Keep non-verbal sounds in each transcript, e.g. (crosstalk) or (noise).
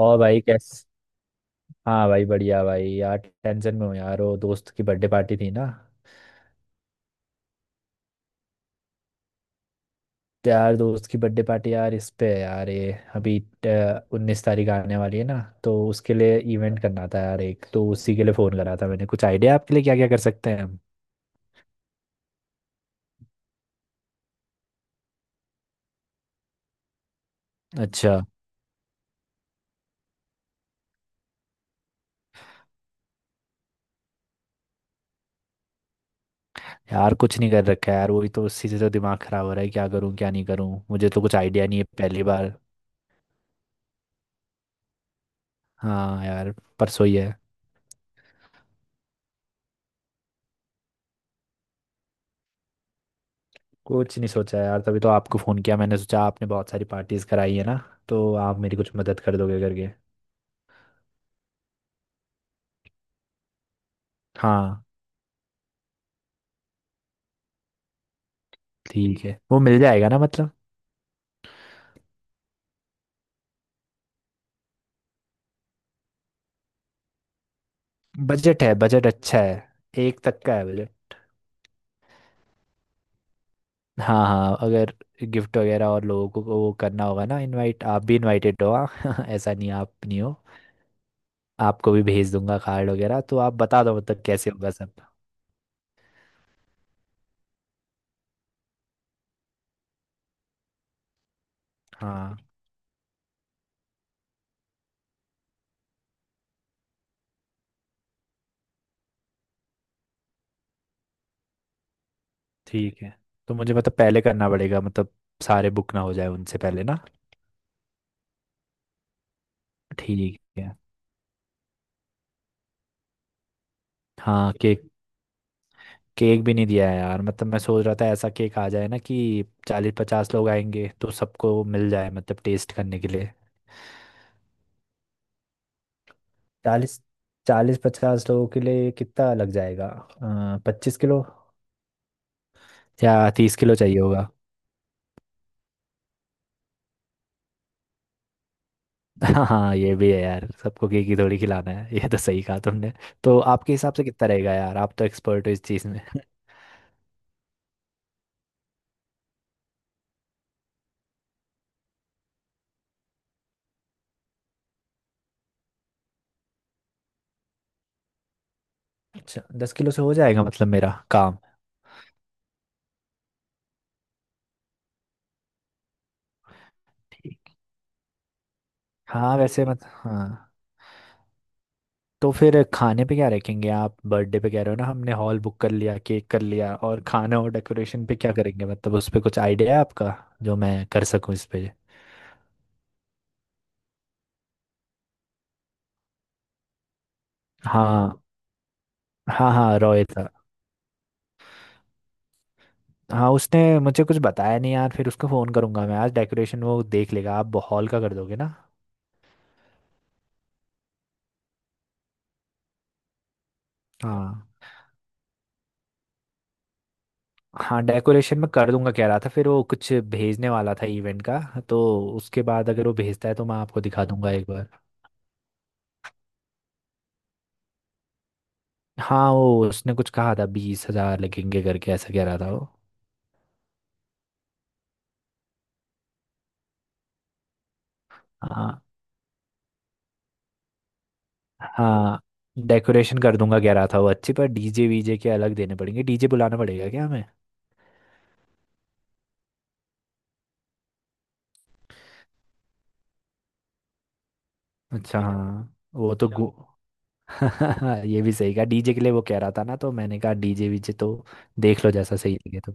और भाई कैस। हाँ भाई, बढ़िया भाई, यार टेंशन में हूँ यार। वो दोस्त की बर्थडे पार्टी थी ना, तो यार दोस्त की बर्थडे पार्टी यार इस पे है यार, ये अभी 19 तारीख आने वाली है ना। तो उसके लिए इवेंट करना था यार, एक तो उसी के लिए फ़ोन करा था मैंने। कुछ आइडिया आपके लिए क्या क्या कर सकते हैं हम। अच्छा। यार कुछ नहीं कर रखा है यार, वही तो उसी से तो दिमाग ख़राब हो रहा है, क्या करूँ क्या नहीं करूँ, मुझे तो कुछ आइडिया नहीं है, पहली बार। हाँ यार, परसों ही है। कुछ नहीं सोचा यार, तभी तो आपको फ़ोन किया मैंने, सोचा आपने बहुत सारी पार्टीज़ कराई है ना, तो आप मेरी कुछ मदद कर दोगे करके। हाँ। ठीक है, वो मिल जाएगा ना मतलब। बजट है, बजट अच्छा है। एक तक का है बजट। हाँ हाँ, अगर गिफ्ट वगैरह और लोगों को वो करना होगा ना इनवाइट, आप भी इनवाइटेड हो हाँ (laughs) ऐसा नहीं, आप नहीं हो। आपको भी भेज दूंगा कार्ड वगैरह, तो आप बता दो मतलब कैसे होगा सब। हाँ ठीक है। तो मुझे मतलब पहले करना पड़ेगा मतलब, सारे बुक ना हो जाए उनसे पहले ना। ठीक है। हाँ केक, केक भी नहीं दिया है यार, मतलब मैं सोच रहा था ऐसा केक आ जाए ना कि 40-50 लोग आएंगे तो सबको मिल जाए मतलब टेस्ट करने के लिए। 40, 40-50 लोगों के लिए कितना लग जाएगा। 25 किलो या 30 किलो चाहिए होगा। (laughs) हाँ ये भी है यार, सबको केक ही थोड़ी खिलाना है, ये तो सही कहा तुमने। तो आपके हिसाब से कितना रहेगा यार, आप तो एक्सपर्ट हो इस चीज़ में। (laughs) अच्छा, 10 किलो से हो जाएगा मतलब मेरा काम। हाँ वैसे ठीक मत, हाँ। तो फिर खाने पे क्या रखेंगे आप बर्थडे पे, कह रहे हो ना हमने हॉल बुक कर लिया, केक कर लिया, और खाना और डेकोरेशन पे क्या करेंगे, मतलब उस पे कुछ आइडिया है आपका जो मैं कर सकूं इस पे। हाँ हाँ। हाँ, रॉय था। हाँ उसने मुझे कुछ बताया नहीं यार, फिर उसको फ़ोन करूंगा मैं आज, डेकोरेशन वो देख लेगा, आप हॉल का कर दोगे ना। हाँ। हाँ डेकोरेशन में कर दूंगा कह रहा था, फिर वो कुछ भेजने वाला था इवेंट का। तो उसके बाद अगर वो भेजता है तो मैं आपको दिखा दूंगा एक बार। हाँ, वो उसने कुछ कहा था, 20,000 लगेंगे करके ऐसा कह रहा था वो। हाँ। हाँ, डेकोरेशन कर दूंगा कह रहा था वो, अच्छी। पर डीजे वीजे के अलग देने पड़ेंगे, डीजे बुलाना पड़ेगा क्या हमें। अच्छा हाँ, वो तो अच्छा गु- (laughs) ये भी सही कहा, डीजे के लिए वो कह रहा था ना तो मैंने कहा डीजे वीजे तो देख लो जैसा सही लगे तो।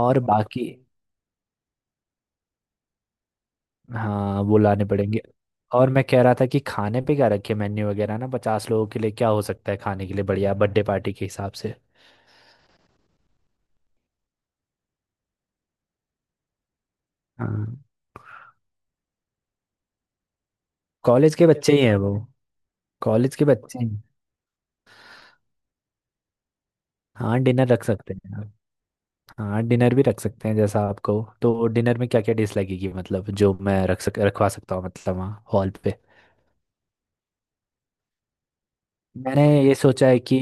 और बाकी, हाँ वो लाने पड़ेंगे। और मैं कह रहा था कि खाने पे क्या रखे मेन्यू वगैरह ना, 50 लोगों के लिए क्या हो सकता है खाने के लिए बढ़िया बर्थडे पार्टी के हिसाब से। हाँ कॉलेज के बच्चे ही हैं वो, कॉलेज के बच्चे हैं। हाँ डिनर रख सकते हैं। हाँ डिनर भी रख सकते हैं जैसा आपको। तो डिनर में क्या क्या डिश लगेगी मतलब जो मैं रख सक रखवा सकता हूँ मतलब वहाँ हॉल पे। मैंने ये सोचा है कि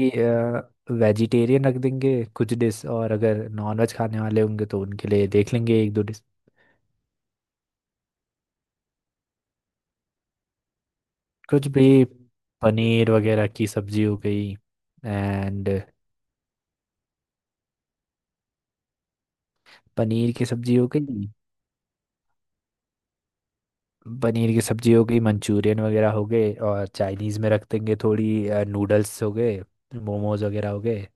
वेजिटेरियन रख देंगे कुछ डिश, और अगर नॉनवेज खाने वाले होंगे तो उनके लिए देख लेंगे एक दो डिश। कुछ भी, पनीर वगैरह की सब्जी हो गई। एंड, पनीर की सब्जी हो गई। पनीर की सब्जी हो गई, मंचूरियन वगैरह हो गए, और चाइनीज़ में रख देंगे थोड़ी, नूडल्स हो गए, मोमोज वगैरह हो गए।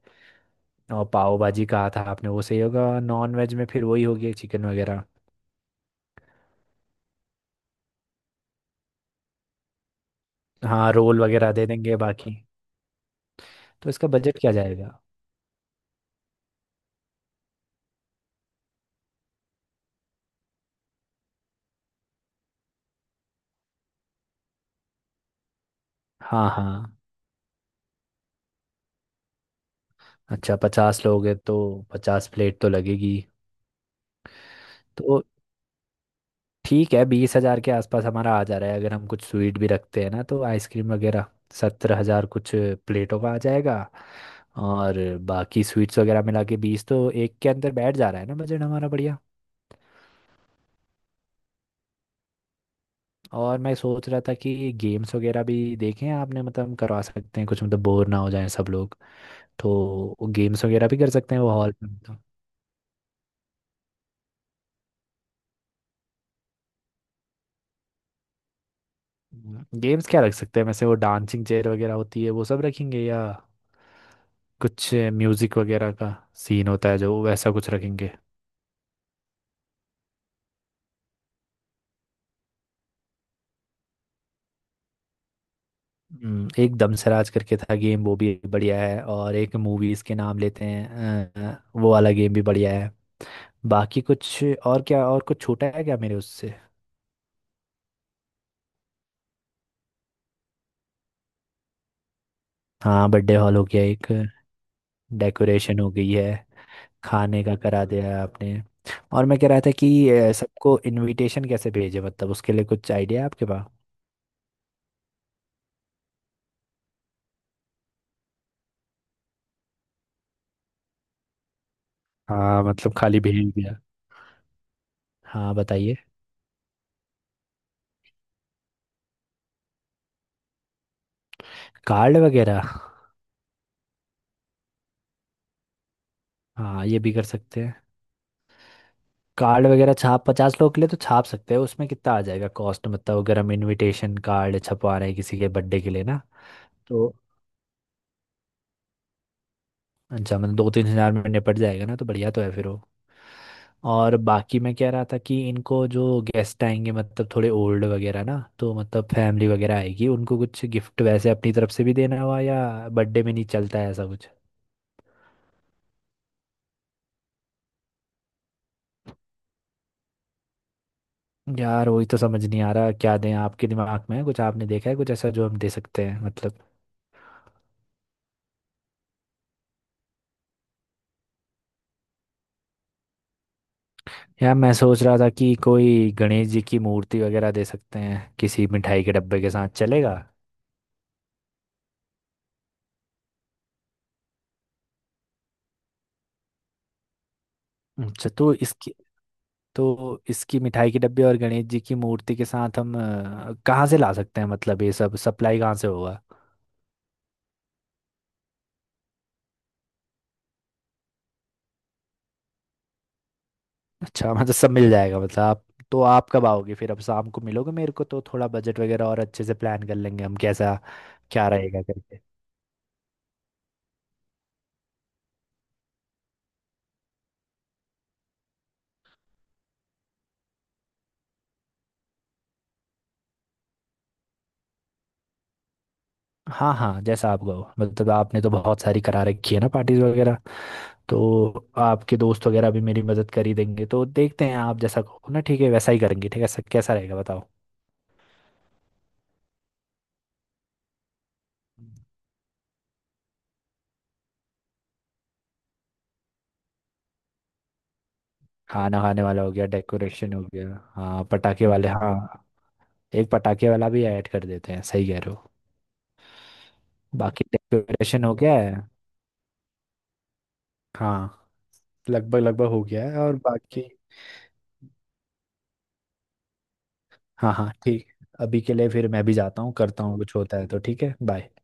और पाव भाजी कहा था आपने, वो सही होगा। नॉन वेज में फिर वही होगी, चिकन वगैरह। हाँ रोल वगैरह दे देंगे बाकी। तो इसका बजट क्या जाएगा। हाँ हाँ। अच्छा, 50 लोग हैं तो 50 प्लेट तो लगेगी। तो ठीक है, 20,000 के आसपास हमारा आ जा रहा है, अगर हम कुछ स्वीट भी रखते हैं ना तो आइसक्रीम वगैरह। 17,000 कुछ प्लेटों का आ जाएगा, और बाकी स्वीट्स वगैरह मिला के बीस, तो एक के अंदर बैठ जा रहा है ना बजट हमारा, बढ़िया। और मैं सोच रहा था कि गेम्स वगैरह भी देखें आपने, मतलब हम करवा सकते हैं कुछ, मतलब बोर ना हो जाएं सब लोग, तो गेम्स वगैरह भी कर सकते हैं वो हॉल में तो। गेम्स क्या रख सकते हैं वैसे, वो डांसिंग चेयर वगैरह होती है वो सब रखेंगे, या कुछ म्यूजिक वगैरह का सीन होता है जो, वैसा कुछ रखेंगे। एक दमसराज करके था गेम, वो भी बढ़िया है, और एक मूवीज के नाम लेते हैं वो वाला गेम भी बढ़िया है। बाकी कुछ और क्या, और कुछ छोटा है क्या मेरे उससे। हाँ बर्थडे हॉल हो गया एक, डेकोरेशन हो गई है, खाने का करा दिया है आपने। और मैं कह रहा था कि सबको इनविटेशन कैसे भेजे मतलब उसके लिए कुछ आइडिया है आपके पास। हाँ मतलब खाली भेज दिया। हाँ बताइए। कार्ड वगैरह। हाँ ये भी कर सकते हैं, कार्ड वगैरह छाप 50 लोग के लिए तो छाप सकते हैं, उसमें कितना आ जाएगा कॉस्ट, मतलब अगर हम इनविटेशन कार्ड छपवा रहे हैं किसी के बर्थडे के लिए ना। तो अच्छा, मतलब 2-3 हजार में निपट जाएगा ना, तो बढ़िया तो है फिर वो। और बाकी मैं कह रहा था कि इनको जो गेस्ट आएंगे मतलब थोड़े ओल्ड वगैरह ना तो मतलब फैमिली वगैरह आएगी, उनको कुछ गिफ्ट वैसे अपनी तरफ से भी देना हुआ, या बर्थडे में नहीं चलता है ऐसा कुछ। यार वही तो समझ नहीं आ रहा क्या दें, आपके दिमाग में है कुछ, आपने देखा है कुछ ऐसा जो हम दे सकते हैं मतलब। यार मैं सोच रहा था कि कोई गणेश जी की मूर्ति वगैरह दे सकते हैं किसी मिठाई के डब्बे के साथ, चलेगा। अच्छा तो इसकी, तो इसकी मिठाई के डब्बे और गणेश जी की मूर्ति के साथ हम कहाँ से ला सकते हैं, मतलब ये सब सप्लाई कहाँ से होगा। अच्छा मतलब सब मिल जाएगा मतलब, आप। तो आप कब आओगे फिर, अब शाम को मिलोगे मेरे को तो थोड़ा बजट वगैरह और अच्छे से प्लान कर लेंगे हम, कैसा क्या रहेगा करके। हाँ हाँ जैसा आप कहो, मतलब आपने तो बहुत सारी करा रखी है ना पार्टीज वगैरह, तो आपके दोस्त वगैरह भी मेरी मदद कर ही देंगे, तो देखते हैं आप जैसा कहो ना, ठीक है वैसा ही करेंगे, ठीक है सब, कैसा रहेगा बताओ। खाना खाने वाला हो गया, डेकोरेशन हो गया। हाँ पटाखे वाले, हाँ एक पटाखे वाला भी ऐड कर देते हैं, सही कह रहे हो। बाकी डेकोरेशन हो गया है। हाँ लगभग लगभग हो गया है, और बाकी। हाँ हाँ ठीक, अभी के लिए फिर मैं भी जाता हूँ, करता हूँ कुछ, होता है तो ठीक है, बाय।